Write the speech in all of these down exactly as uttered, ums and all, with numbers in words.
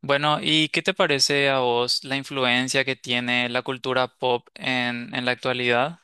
Bueno, ¿y qué te parece a vos la influencia que tiene la cultura pop en, en la actualidad?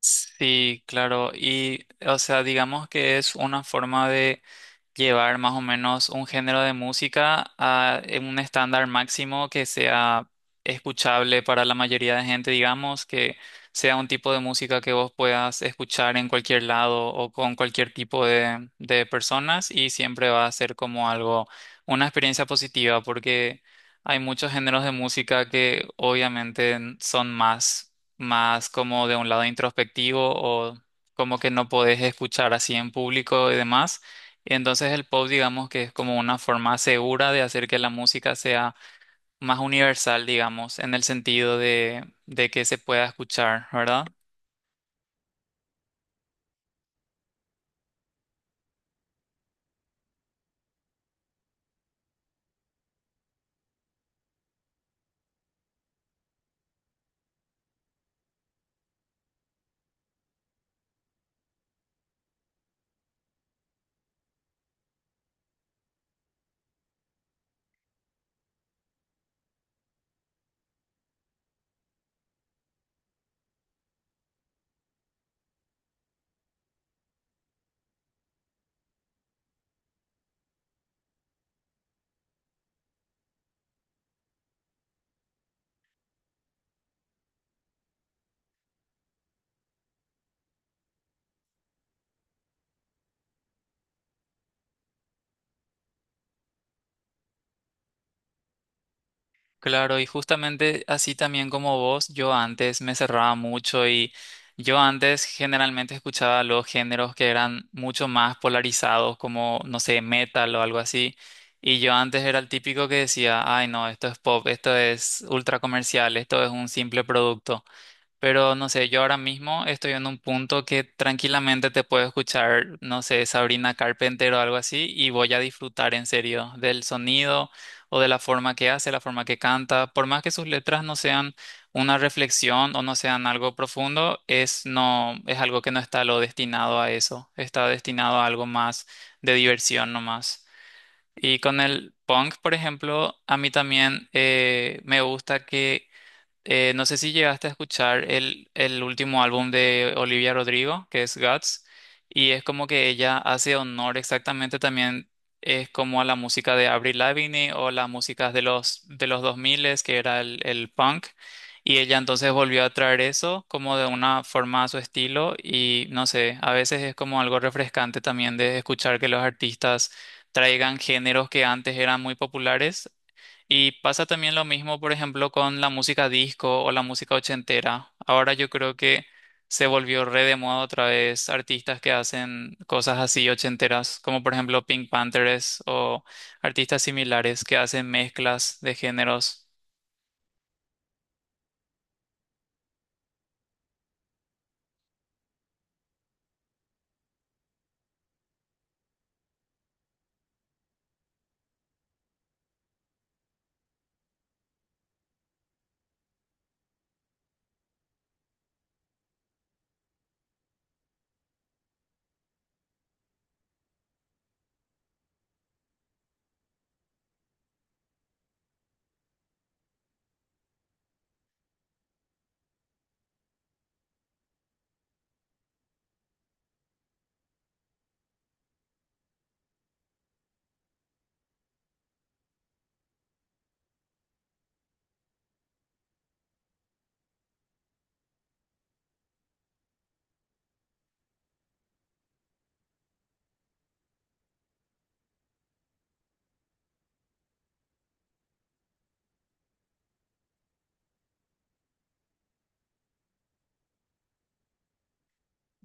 Sí, claro, y o sea, digamos que es una forma de llevar más o menos un género de música a en un estándar máximo que sea escuchable para la mayoría de gente, digamos, que sea un tipo de música que vos puedas escuchar en cualquier lado o con cualquier tipo de, de personas y siempre va a ser como algo, una experiencia positiva porque hay muchos géneros de música que obviamente son más, más como de un lado introspectivo o como que no podés escuchar así en público y demás. Y entonces el pop, digamos que es como una forma segura de hacer que la música sea más universal, digamos, en el sentido de, de que se pueda escuchar, ¿verdad? Claro, y justamente así también como vos, yo antes me cerraba mucho y yo antes generalmente escuchaba los géneros que eran mucho más polarizados, como, no sé, metal o algo así. Y yo antes era el típico que decía, ay no, esto es pop, esto es ultra comercial, esto es un simple producto. Pero no sé, yo ahora mismo estoy en un punto que tranquilamente te puedo escuchar, no sé, Sabrina Carpenter o algo así, y voy a disfrutar en serio del sonido o de la forma que hace, la forma que canta. Por más que sus letras no sean una reflexión o no sean algo profundo, es no, es algo que no está lo destinado a eso, está destinado a algo más de diversión nomás. Y con el punk, por ejemplo, a mí también eh, me gusta que eh, no sé si llegaste a escuchar el, el último álbum de Olivia Rodrigo, que es Guts, y es como que ella hace honor exactamente también, es como a la música de Avril Lavigne o las músicas de los, de los dos mil, que era el, el punk, y ella entonces volvió a traer eso como de una forma a su estilo, y no sé, a veces es como algo refrescante también de escuchar que los artistas traigan géneros que antes eran muy populares y pasa también lo mismo, por ejemplo, con la música disco o la música ochentera. Ahora yo creo que se volvió re de moda otra vez artistas que hacen cosas así ochenteras, como por ejemplo Pink Panthers o artistas similares que hacen mezclas de géneros.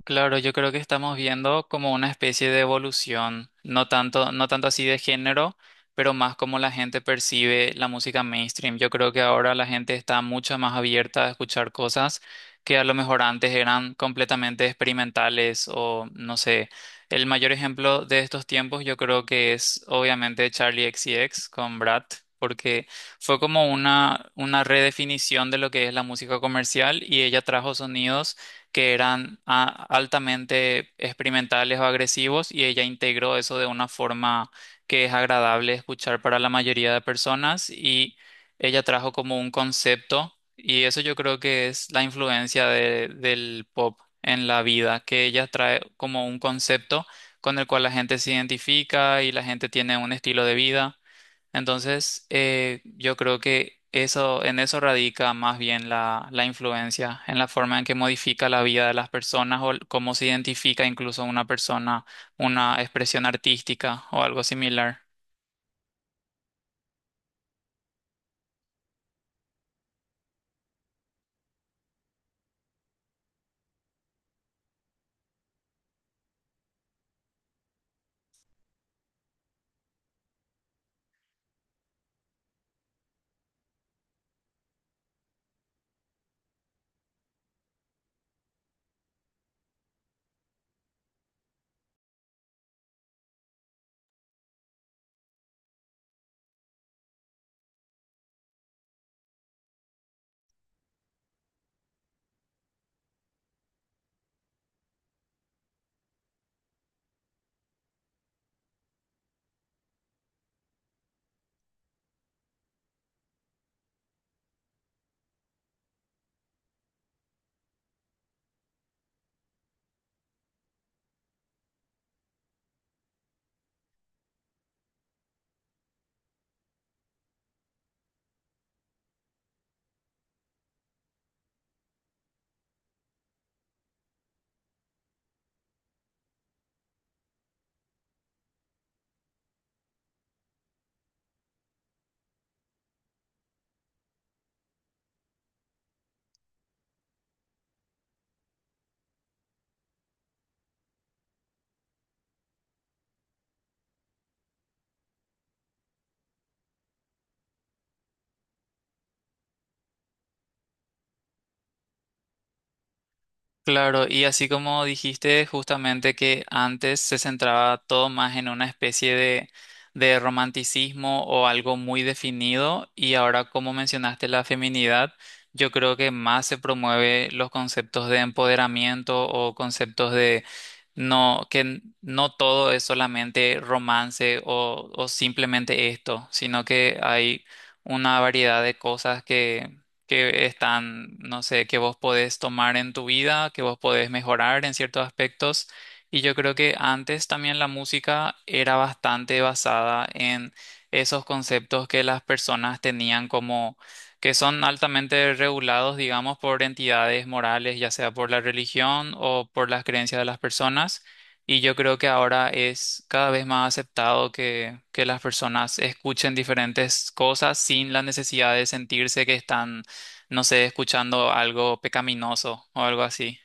Claro, yo creo que estamos viendo como una especie de evolución, no tanto, no tanto así de género, pero más como la gente percibe la música mainstream. Yo creo que ahora la gente está mucho más abierta a escuchar cosas que a lo mejor antes eran completamente experimentales o no sé. El mayor ejemplo de estos tiempos yo creo que es obviamente Charlie X C X con Brad, porque fue como una, una redefinición de lo que es la música comercial y ella trajo sonidos que eran a- altamente experimentales o agresivos y ella integró eso de una forma que es agradable escuchar para la mayoría de personas y ella trajo como un concepto y eso yo creo que es la influencia de- del pop en la vida, que ella trae como un concepto con el cual la gente se identifica y la gente tiene un estilo de vida. Entonces, eh, yo creo que eso, en eso radica más bien la, la influencia, en la forma en que modifica la vida de las personas o el- cómo se identifica incluso una persona, una expresión artística o algo similar. Claro, y así como dijiste justamente que antes se centraba todo más en una especie de, de romanticismo o algo muy definido, y ahora como mencionaste la feminidad, yo creo que más se promueve los conceptos de empoderamiento o conceptos de no, que n- no todo es solamente romance o, o simplemente esto, sino que hay una variedad de cosas que están, no sé, que vos podés tomar en tu vida, que vos podés mejorar en ciertos aspectos. Y yo creo que antes también la música era bastante basada en esos conceptos que las personas tenían como que son altamente regulados, digamos, por entidades morales, ya sea por la religión o por las creencias de las personas. Y yo creo que ahora es cada vez más aceptado que, que las personas escuchen diferentes cosas sin la necesidad de sentirse que están no sé, escuchando algo pecaminoso o algo así.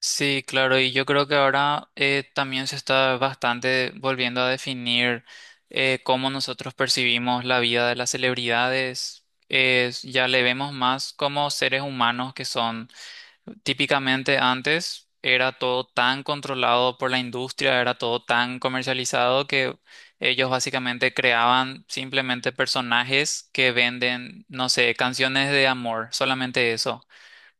Sí, claro, y yo creo que ahora eh, también se está bastante volviendo a definir eh, cómo nosotros percibimos la vida de las celebridades. Es- ya le vemos más como seres humanos que son. Típicamente antes era todo tan controlado por la industria, era todo tan comercializado que ellos básicamente creaban simplemente personajes que venden, no sé, canciones de amor, solamente eso.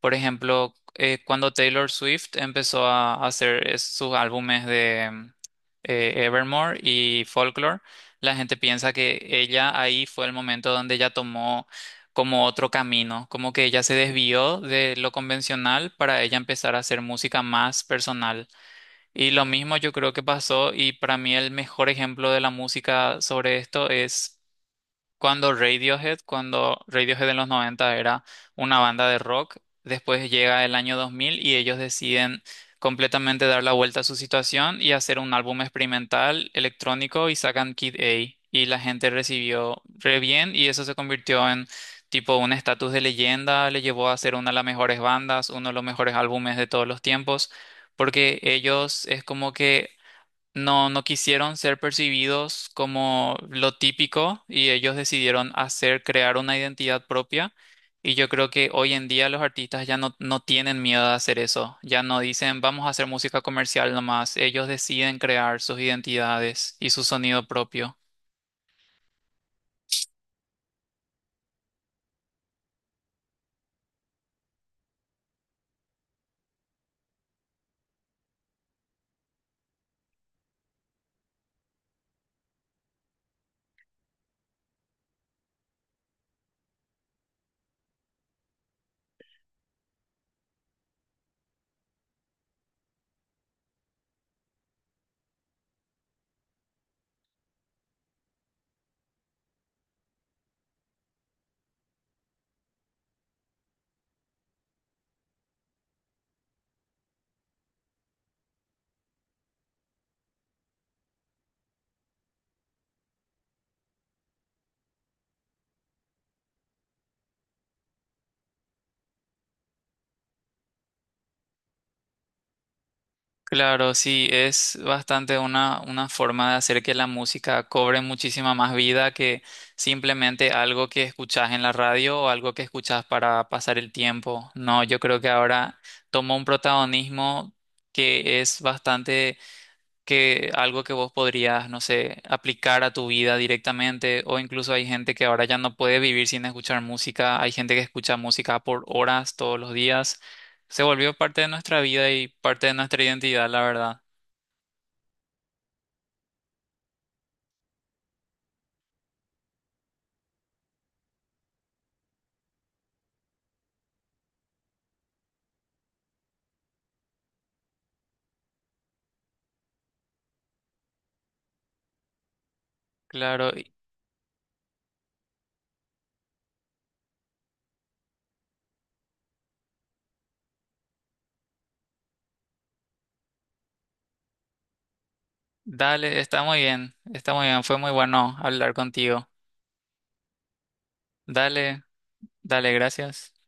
Por ejemplo, eh, cuando Taylor Swift empezó a hacer es- sus álbumes de mm, eh, Evermore y Folklore, la gente piensa que ella ahí fue el momento donde ella tomó como otro camino, como que ella se desvió de lo convencional para ella empezar a hacer música más personal. Y lo mismo yo creo que pasó y para mí el mejor ejemplo de la música sobre esto es cuando Radiohead, cuando Radiohead en los noventa era una banda de rock, después llega el año dos mil y ellos deciden completamente dar la vuelta a su situación y hacer un álbum experimental electrónico y sacan Kid A y la gente recibió re bien y eso se convirtió en tipo un estatus de leyenda, le llevó a ser una de las mejores bandas, uno de los mejores álbumes de todos los tiempos. Porque ellos es como que no, no quisieron ser percibidos como lo típico y ellos decidieron hacer, crear una identidad propia. Y yo creo que hoy en día los artistas ya no, no tienen miedo de hacer eso. Ya no dicen, vamos a hacer música comercial nomás. Ellos deciden crear sus identidades y su sonido propio. Claro, sí, es bastante una, una forma de hacer que la música cobre muchísima más vida que simplemente algo que escuchás en la radio o algo que escuchás para pasar el tiempo. No, yo creo que ahora toma un protagonismo que es bastante que algo que vos podrías, no sé, aplicar a tu vida directamente, o incluso hay gente que ahora ya no puede vivir sin escuchar música, hay gente que escucha música por horas todos los días, se volvió parte de nuestra vida y parte de nuestra identidad, la verdad. Claro, y dale, está muy bien, está muy bien, fue muy bueno hablar contigo. Dale, dale, gracias.